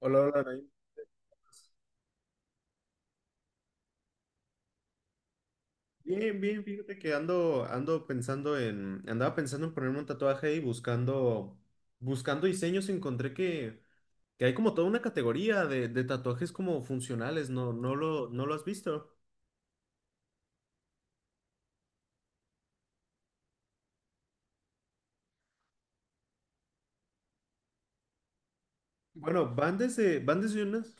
Hola, hola, Naim. Bien, bien, fíjate que ando andaba pensando en ponerme un tatuaje y buscando diseños, encontré que hay como toda una categoría de tatuajes como funcionales, ¿no? No lo has visto. Bueno, van desde unas,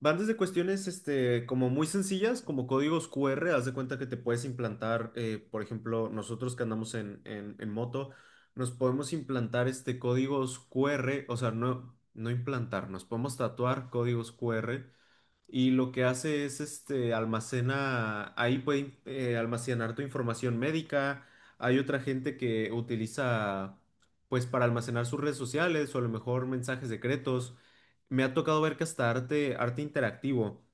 van desde cuestiones este, como muy sencillas, como códigos QR, haz de cuenta que te puedes implantar, por ejemplo, nosotros que andamos en moto, nos podemos implantar este códigos QR, o sea, no implantar, nos podemos tatuar códigos QR y lo que hace es este almacena, ahí puede almacenar tu información médica. Hay otra gente que utiliza pues para almacenar sus redes sociales o a lo mejor mensajes secretos. Me ha tocado ver que hasta arte interactivo.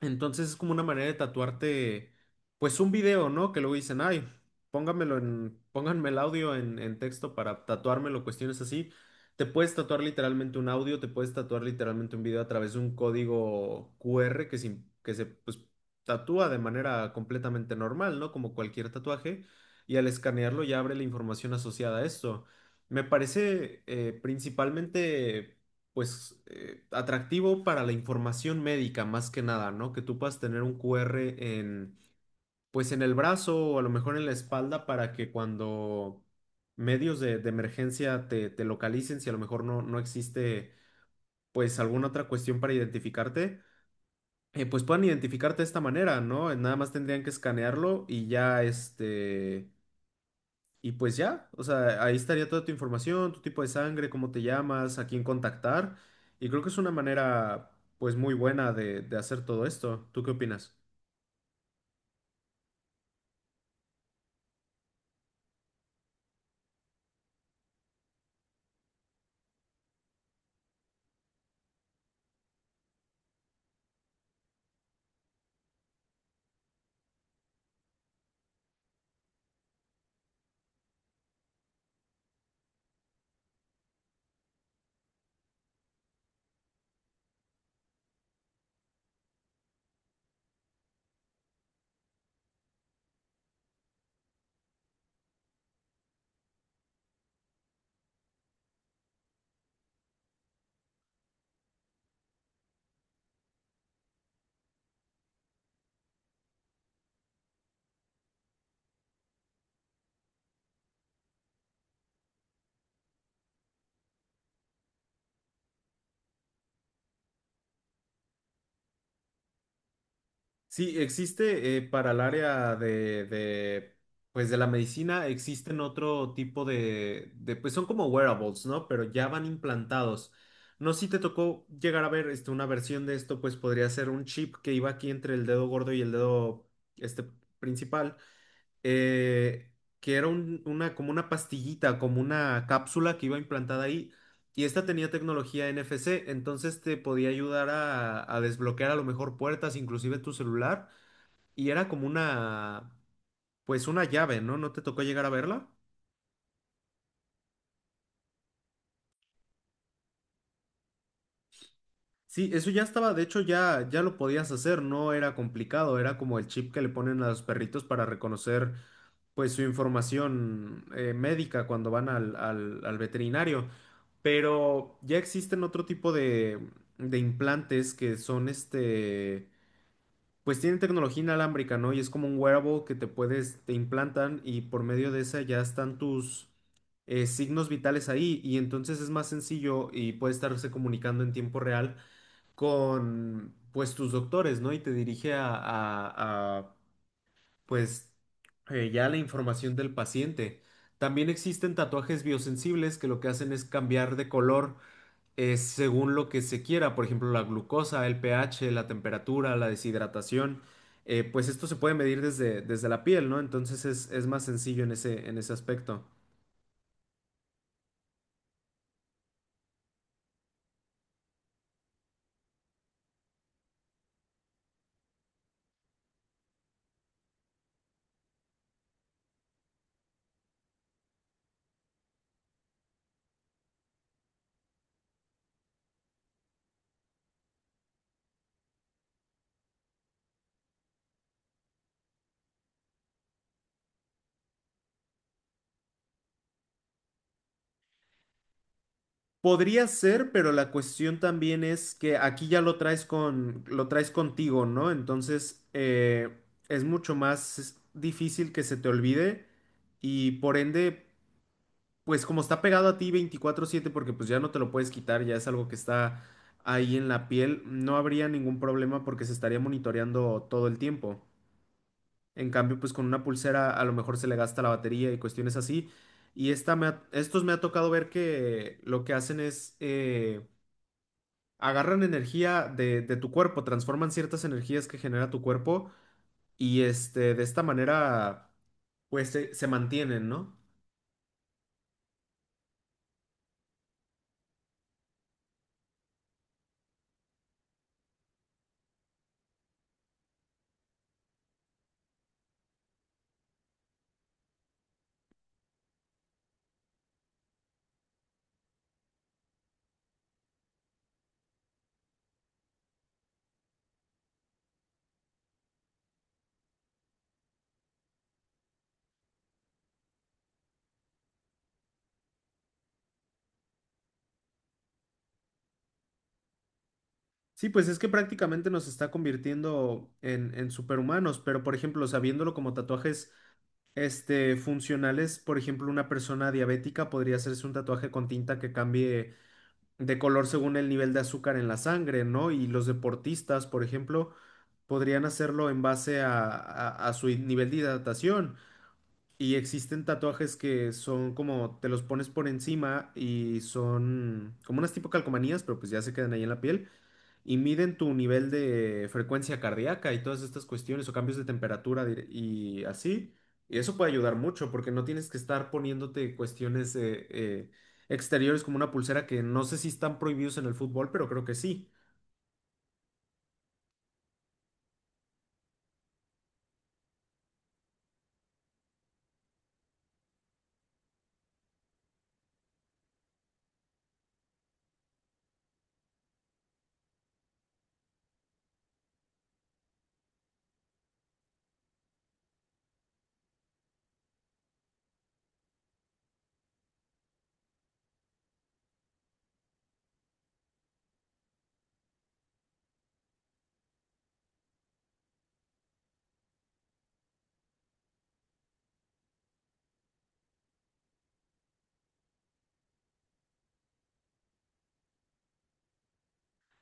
Entonces es como una manera de tatuarte, pues un video, ¿no? Que luego dicen, ay, pónganme el audio en texto para tatuármelo, cuestiones así. Te puedes tatuar literalmente un audio, te puedes tatuar literalmente un video a través de un código QR que se pues, tatúa de manera completamente normal, ¿no? Como cualquier tatuaje, y al escanearlo ya abre la información asociada a esto. Me parece principalmente pues, atractivo para la información médica más que nada, ¿no? Que tú puedas tener un QR en, pues, en el brazo o a lo mejor en la espalda para que cuando medios de emergencia te localicen, si a lo mejor no existe, pues, alguna otra cuestión para identificarte, pues puedan identificarte de esta manera, ¿no? Nada más tendrían que escanearlo y ya, este y pues ya, o sea, ahí estaría toda tu información, tu tipo de sangre, cómo te llamas, a quién contactar. Y creo que es una manera, pues, muy buena de hacer todo esto. ¿Tú qué opinas? Sí, existe para el área pues, de la medicina, existen otro tipo de, pues, son como wearables, ¿no? Pero ya van implantados. No sé si te tocó llegar a ver este, una versión de esto, pues podría ser un chip que iba aquí entre el dedo gordo y el dedo este, principal eh, que era una, como una pastillita, como una cápsula que iba implantada ahí, y esta tenía tecnología NFC, entonces te podía ayudar a desbloquear a lo mejor puertas, inclusive tu celular, y era como una, pues una llave, ¿no? ¿No te tocó llegar a verla? Sí, eso ya estaba, de hecho ya lo podías hacer, no era complicado, era como el chip que le ponen a los perritos para reconocer pues su información médica cuando van al veterinario. Pero ya existen otro tipo de implantes que son este, pues tienen tecnología inalámbrica, ¿no? Y es como un wearable que te puedes, te implantan y por medio de esa ya están tus signos vitales ahí y entonces es más sencillo y puede estarse comunicando en tiempo real con pues tus doctores, ¿no? Y te dirige a, pues ya la información del paciente. También existen tatuajes biosensibles que lo que hacen es cambiar de color según lo que se quiera, por ejemplo, la glucosa, el pH, la temperatura, la deshidratación. Pues esto se puede medir desde la piel, ¿no? Entonces es más sencillo en en ese aspecto. Podría ser, pero la cuestión también es que aquí ya lo traes con, lo traes contigo, ¿no? Entonces, es mucho más difícil que se te olvide y por ende, pues como está pegado a ti 24/7 porque pues ya no te lo puedes quitar, ya es algo que está ahí en la piel, no habría ningún problema porque se estaría monitoreando todo el tiempo. En cambio, pues con una pulsera a lo mejor se le gasta la batería y cuestiones así. Y esta estos me ha tocado ver que lo que hacen es agarran energía de tu cuerpo, transforman ciertas energías que genera tu cuerpo y este, de esta manera, pues se mantienen, ¿no? Sí, pues es que prácticamente nos está convirtiendo en superhumanos, pero por ejemplo, sabiéndolo como tatuajes este, funcionales, por ejemplo, una persona diabética podría hacerse un tatuaje con tinta que cambie de color según el nivel de azúcar en la sangre, ¿no? Y los deportistas, por ejemplo, podrían hacerlo en base a su nivel de hidratación. Y existen tatuajes que son como te los pones por encima y son como unas tipo calcomanías, pero pues ya se quedan ahí en la piel y miden tu nivel de frecuencia cardíaca y todas estas cuestiones o cambios de temperatura y así. Y eso puede ayudar mucho porque no tienes que estar poniéndote cuestiones exteriores como una pulsera que no sé si están prohibidos en el fútbol, pero creo que sí.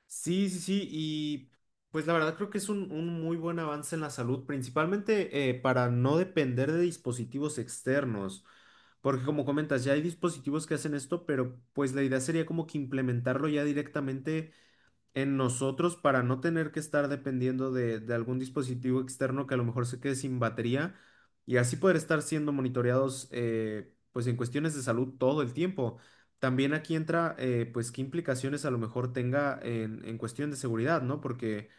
Sí, sí, sí, y pues la verdad creo que es un muy buen avance en la salud, principalmente para no depender de dispositivos externos, porque como comentas, ya hay dispositivos que hacen esto, pero pues la idea sería como que implementarlo ya directamente en nosotros para no tener que estar dependiendo de algún dispositivo externo que a lo mejor se quede sin batería y así poder estar siendo monitoreados pues en cuestiones de salud todo el tiempo. También aquí entra pues qué implicaciones a lo mejor tenga en cuestión de seguridad, ¿no? Porque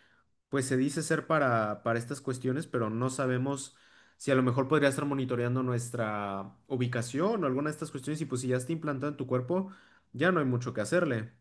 pues se dice ser para estas cuestiones, pero no sabemos si a lo mejor podría estar monitoreando nuestra ubicación o alguna de estas cuestiones y pues si ya está implantado en tu cuerpo, ya no hay mucho que hacerle.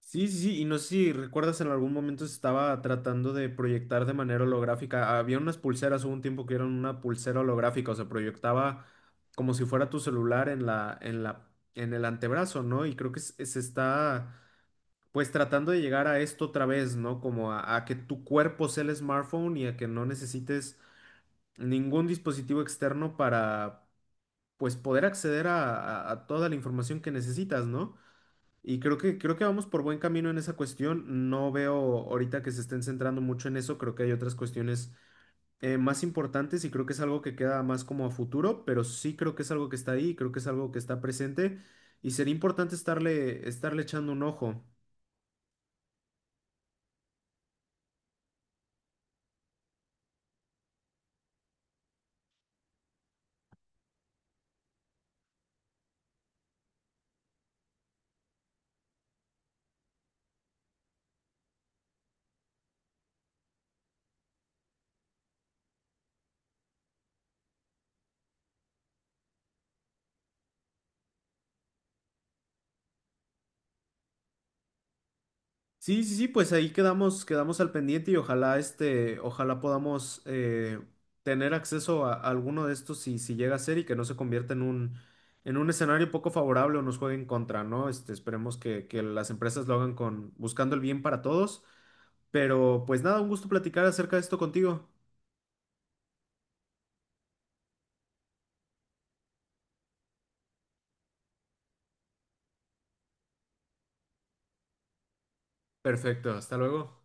Sí, sí, sí, y no sé si recuerdas en algún momento se estaba tratando de proyectar de manera holográfica. Había unas pulseras, hubo un tiempo que eran una pulsera holográfica, o sea, proyectaba como si fuera tu celular en en el antebrazo, ¿no? Y creo que se está pues tratando de llegar a esto otra vez, ¿no? Como a que tu cuerpo sea el smartphone y a que no necesites ningún dispositivo externo para pues poder acceder a toda la información que necesitas, ¿no? Y creo que vamos por buen camino en esa cuestión. No veo ahorita que se estén centrando mucho en eso. Creo que hay otras cuestiones más importantes y creo que es algo que queda más como a futuro, pero sí creo que es algo que está ahí, creo que es algo que está presente y sería importante estarle echando un ojo. Sí, sí, sí, pues ahí quedamos, quedamos al pendiente y ojalá este, ojalá podamos tener acceso a alguno de estos si llega a ser y que no se convierta en en un escenario poco favorable o nos juegue en contra, ¿no? Este, esperemos que las empresas lo hagan con, buscando el bien para todos. Pero pues nada, un gusto platicar acerca de esto contigo. Perfecto, hasta luego.